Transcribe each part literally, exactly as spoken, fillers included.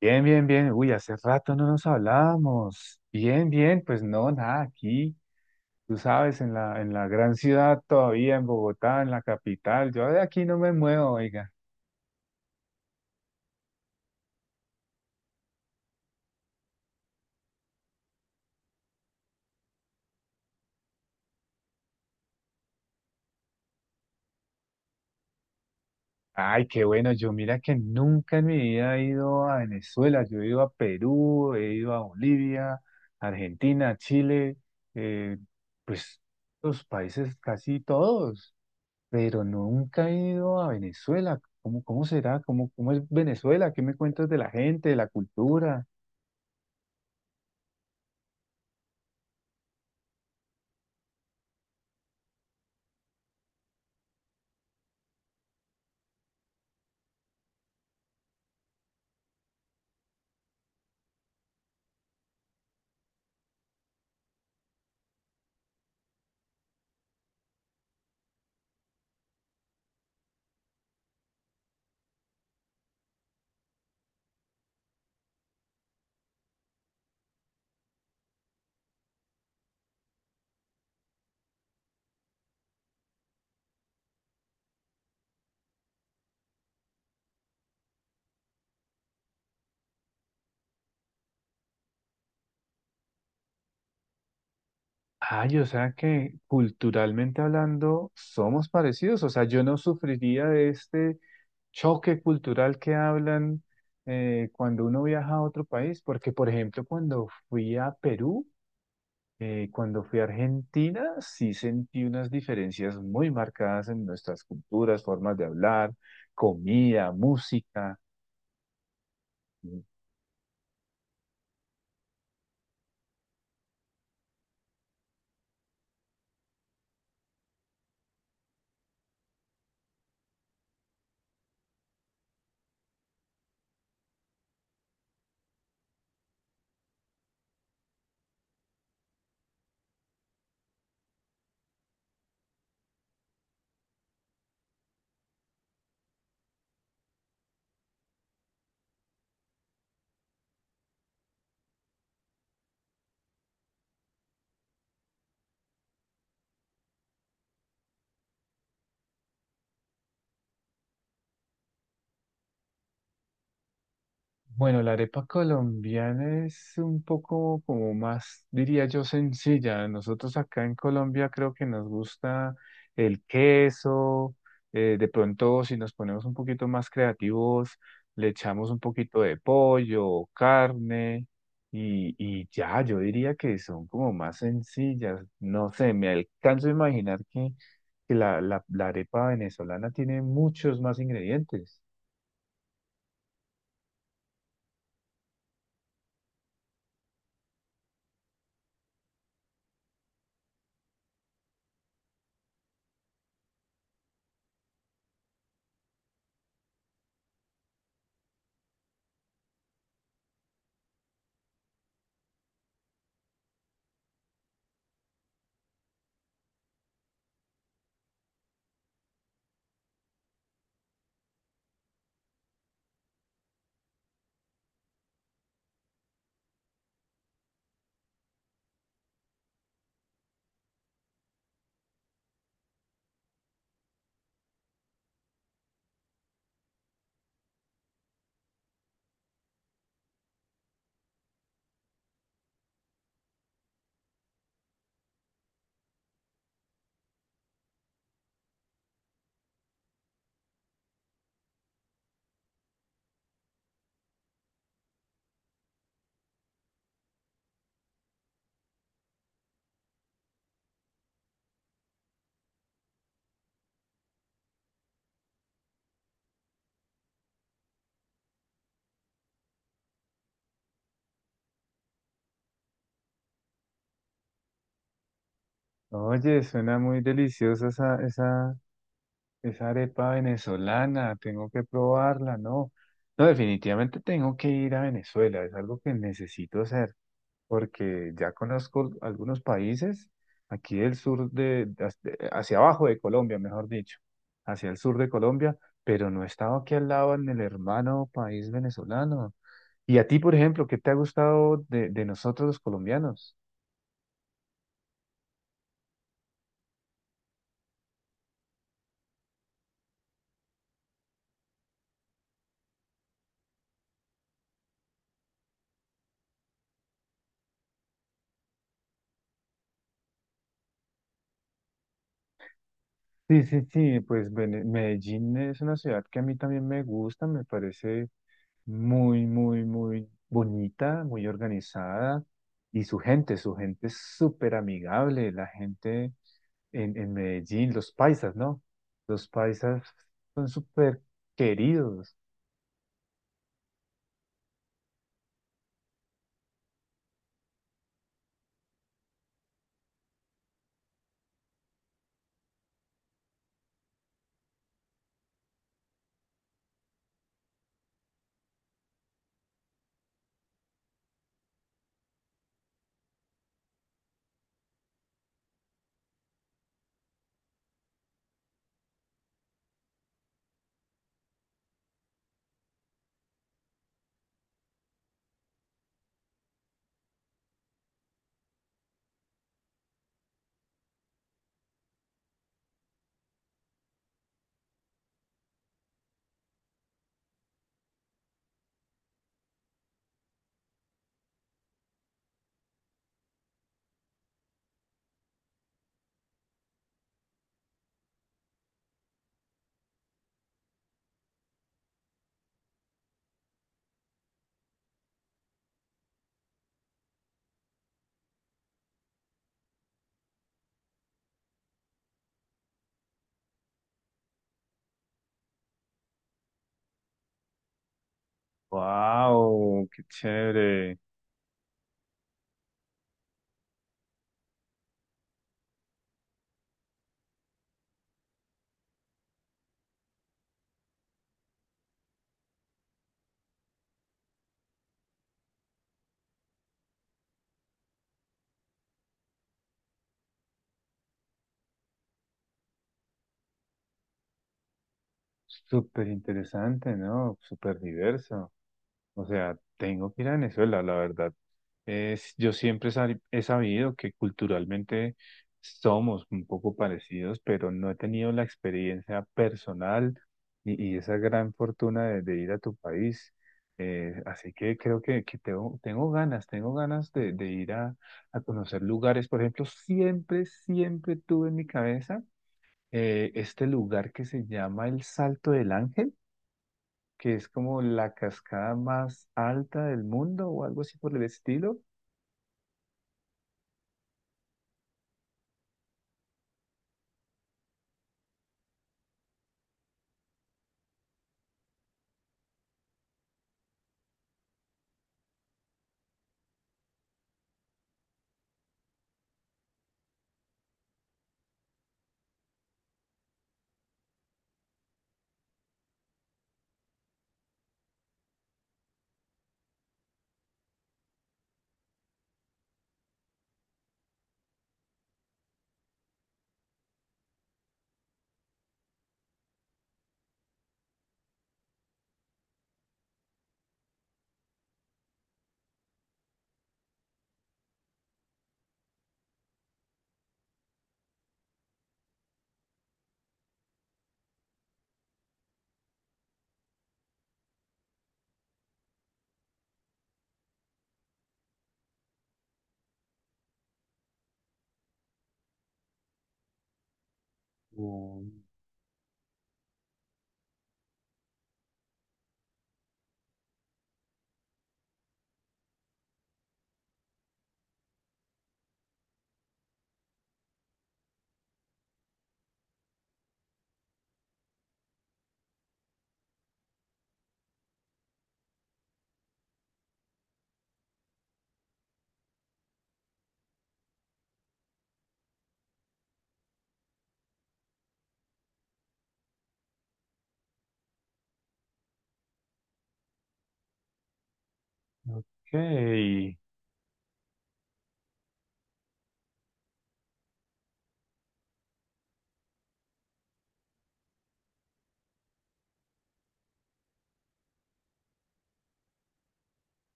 Bien, bien, bien. Uy, hace rato no nos hablábamos. Bien, bien, pues no, nada, aquí, tú sabes, en la, en la gran ciudad todavía, en Bogotá, en la capital, yo de aquí no me muevo, oiga. Ay, qué bueno, yo mira que nunca en mi vida he ido a Venezuela, yo he ido a Perú, he ido a Bolivia, Argentina, Chile, eh, pues los países casi todos. Pero nunca he ido a Venezuela. ¿Cómo, cómo será? ¿Cómo, cómo es Venezuela? ¿Qué me cuentas de la gente, de la cultura? Ay, o sea que culturalmente hablando somos parecidos, o sea, yo no sufriría de este choque cultural que hablan eh, cuando uno viaja a otro país, porque por ejemplo cuando fui a Perú, eh, cuando fui a Argentina, sí sentí unas diferencias muy marcadas en nuestras culturas, formas de hablar, comida, música. Bueno, la arepa colombiana es un poco como más, diría yo, sencilla. Nosotros acá en Colombia creo que nos gusta el queso. eh, de pronto, si nos ponemos un poquito más creativos, le echamos un poquito de pollo, carne y, y ya, yo diría que son como más sencillas. No sé, me alcanzo a imaginar que, que la, la la arepa venezolana tiene muchos más ingredientes. Oye, suena muy deliciosa esa, esa, esa arepa venezolana, tengo que probarla, ¿no? No, definitivamente tengo que ir a Venezuela, es algo que necesito hacer, porque ya conozco algunos países, aquí del sur de, de- hacia abajo de Colombia, mejor dicho, hacia el sur de Colombia, pero no he estado aquí al lado en el hermano país venezolano. ¿Y a ti, por ejemplo, qué te ha gustado de, de nosotros los colombianos? Sí, sí, sí, pues Vene- Medellín es una ciudad que a mí también me gusta, me parece muy, muy, muy bonita, muy organizada y su gente, su gente es súper amigable, la gente en, en Medellín, los paisas, ¿no? Los paisas son súper queridos. ¡Wow! ¡Qué chévere! Súper interesante, ¿no? Súper diverso. O sea, tengo que ir a Venezuela, la verdad. Es, yo siempre sab- he sabido que culturalmente somos un poco parecidos, pero no he tenido la experiencia personal y, y esa gran fortuna de, de ir a tu país. Eh, así que creo que, que tengo, tengo ganas, tengo ganas de, de ir a, a conocer lugares. Por ejemplo, siempre, siempre tuve en mi cabeza eh, este lugar que se llama el Salto del Ángel que es como la cascada más alta del mundo o algo así por el estilo. Mm, Ok.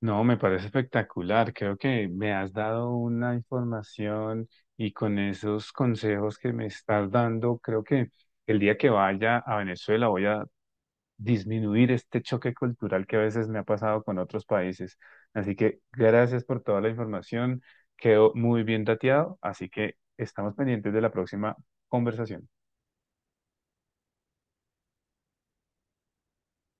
No, me parece espectacular. Creo que me has dado una información y con esos consejos que me estás dando, creo que el día que vaya a Venezuela voy a disminuir este choque cultural que a veces me ha pasado con otros países. Así que gracias por toda la información. Quedó muy bien dateado, así que estamos pendientes de la próxima conversación.